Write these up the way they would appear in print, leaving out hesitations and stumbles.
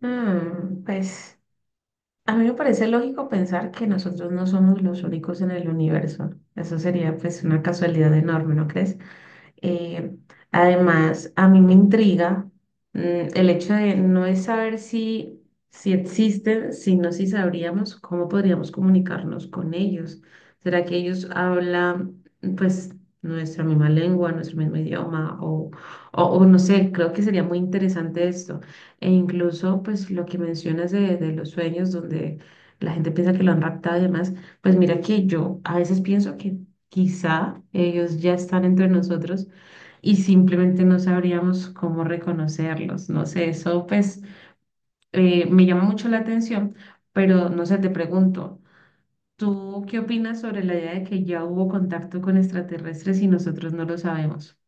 Pues a mí me parece lógico pensar que nosotros no somos los únicos en el universo. Eso sería pues una casualidad enorme, ¿no crees? Eh, Además, a mí me intriga mm, el hecho de no es saber si existen, sino si sabríamos cómo podríamos comunicarnos con ellos. ¿Será que ellos hablan, pues, nuestra misma lengua, nuestro mismo idioma? O no sé, creo que sería muy interesante esto. E incluso, pues, lo que mencionas de los sueños, donde la gente piensa que lo han raptado y demás, pues mira que yo a veces pienso que quizá ellos ya están entre nosotros y simplemente no sabríamos cómo reconocerlos. No sé, eso pues me llama mucho la atención, pero no sé, te pregunto, ¿tú qué opinas sobre la idea de que ya hubo contacto con extraterrestres y nosotros no lo sabemos?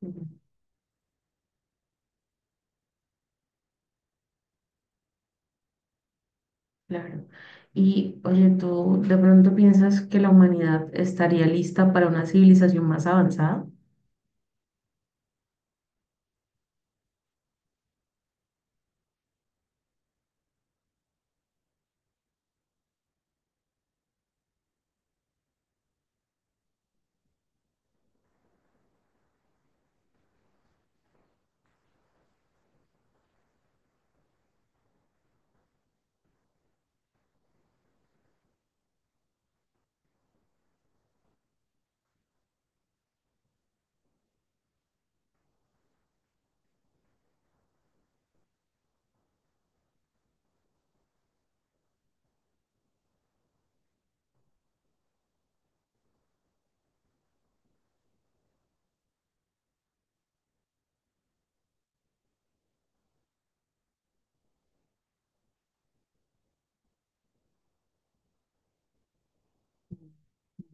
Ujú. Claro. Y oye, ¿tú de pronto piensas que la humanidad estaría lista para una civilización más avanzada?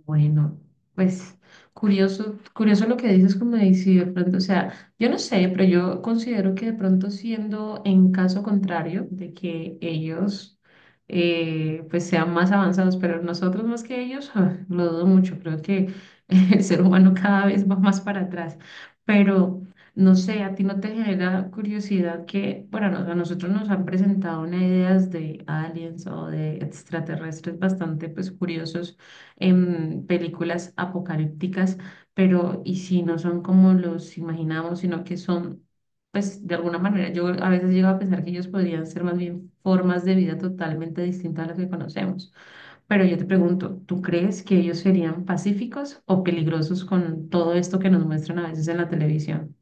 Bueno, pues curioso, curioso lo que dices, como de si de pronto, o sea, yo no sé, pero yo considero que de pronto siendo en caso contrario de que ellos pues sean más avanzados, pero nosotros más que ellos, ah, lo dudo mucho, creo que el ser humano cada vez va más para atrás, pero no sé, a ti no te genera curiosidad que, bueno, a nosotros nos han presentado unas ideas de aliens o de extraterrestres bastante pues curiosos en películas apocalípticas, pero y si no son como los imaginamos, sino que son, pues de alguna manera, yo a veces llego a pensar que ellos podrían ser más bien formas de vida totalmente distintas a las que conocemos. Pero yo te pregunto, ¿tú crees que ellos serían pacíficos o peligrosos con todo esto que nos muestran a veces en la televisión?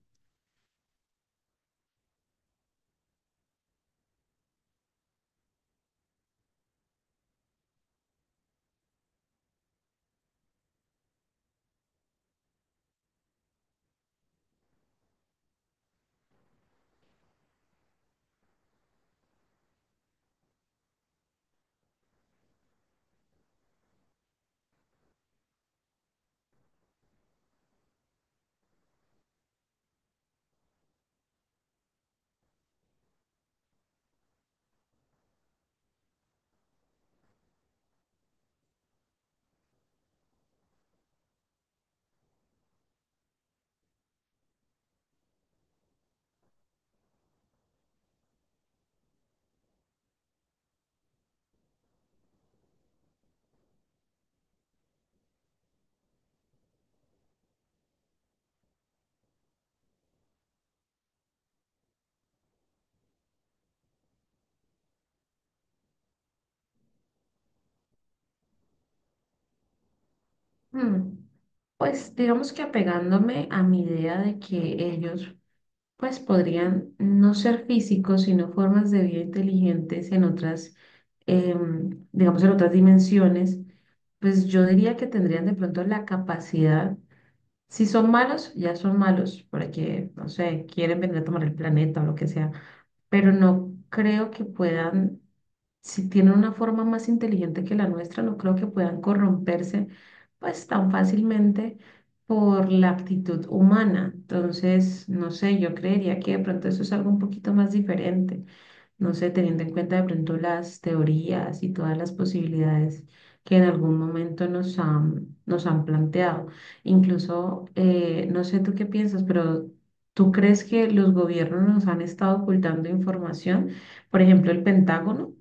Hmm. Pues digamos que apegándome a mi idea de que ellos pues podrían no ser físicos, sino formas de vida inteligentes en otras, digamos, en otras dimensiones, pues yo diría que tendrían de pronto la capacidad, si son malos, ya son malos, porque, no sé, quieren venir a tomar el planeta o lo que sea, pero no creo que puedan si tienen una forma más inteligente que la nuestra, no creo que puedan corromperse pues tan fácilmente por la actitud humana. Entonces, no sé, yo creería que de pronto eso es algo un poquito más diferente. No sé, teniendo en cuenta de pronto las teorías y todas las posibilidades que en algún momento nos han planteado. Incluso, no sé tú qué piensas, pero... ¿Tú crees que los gobiernos nos han estado ocultando información? Por ejemplo, el Pentágono.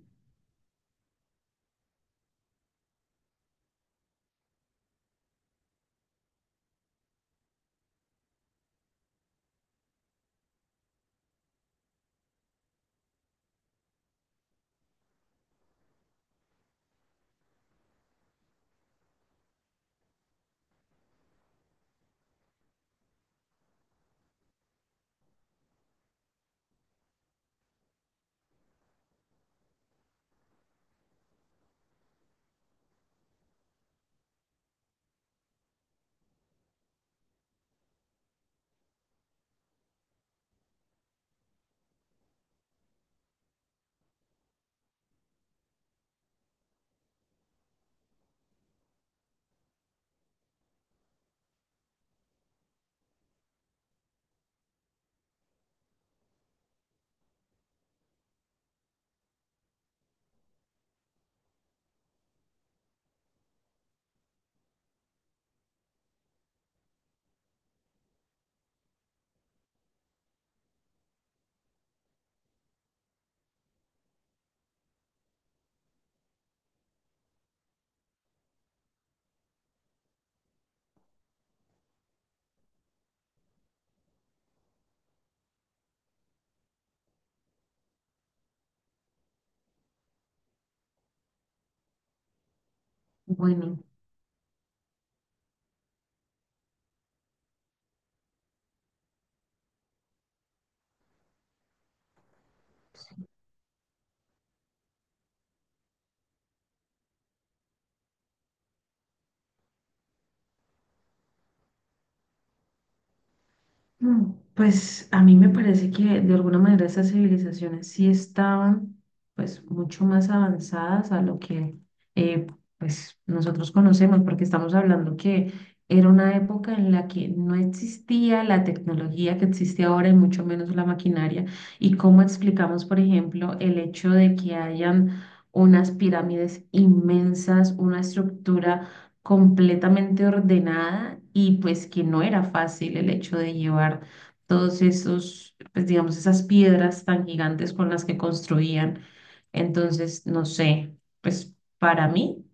Bueno, pues a mí me parece que de alguna manera esas civilizaciones sí estaban pues mucho más avanzadas a lo que eh, pues nosotros conocemos, porque estamos hablando que era una época en la que no existía la tecnología que existe ahora y mucho menos la maquinaria. Y cómo explicamos, por ejemplo, el hecho de que hayan unas pirámides inmensas, una estructura completamente ordenada y pues que no era fácil el hecho de llevar todos esos, pues digamos, esas piedras tan gigantes con las que construían. Entonces, no sé, pues para mí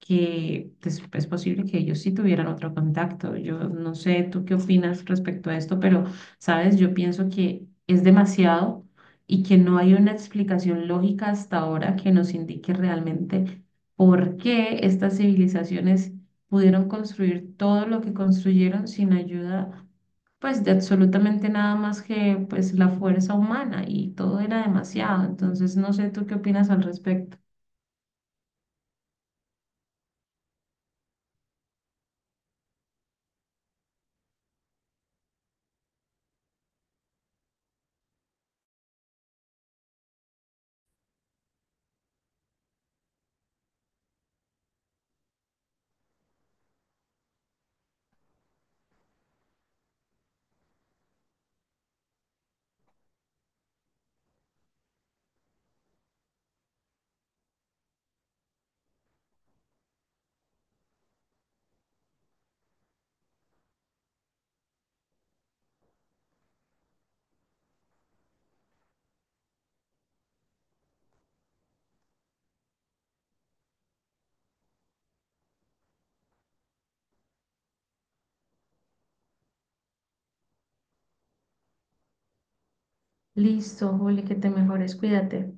que pues, es posible que ellos sí tuvieran otro contacto. Yo no sé tú qué opinas respecto a esto, pero sabes, yo pienso que es demasiado y que no hay una explicación lógica hasta ahora que nos indique realmente por qué estas civilizaciones pudieron construir todo lo que construyeron sin ayuda, pues de absolutamente nada más que pues la fuerza humana y todo era demasiado. Entonces, no sé tú qué opinas al respecto. Listo, Juli, que te mejores, cuídate.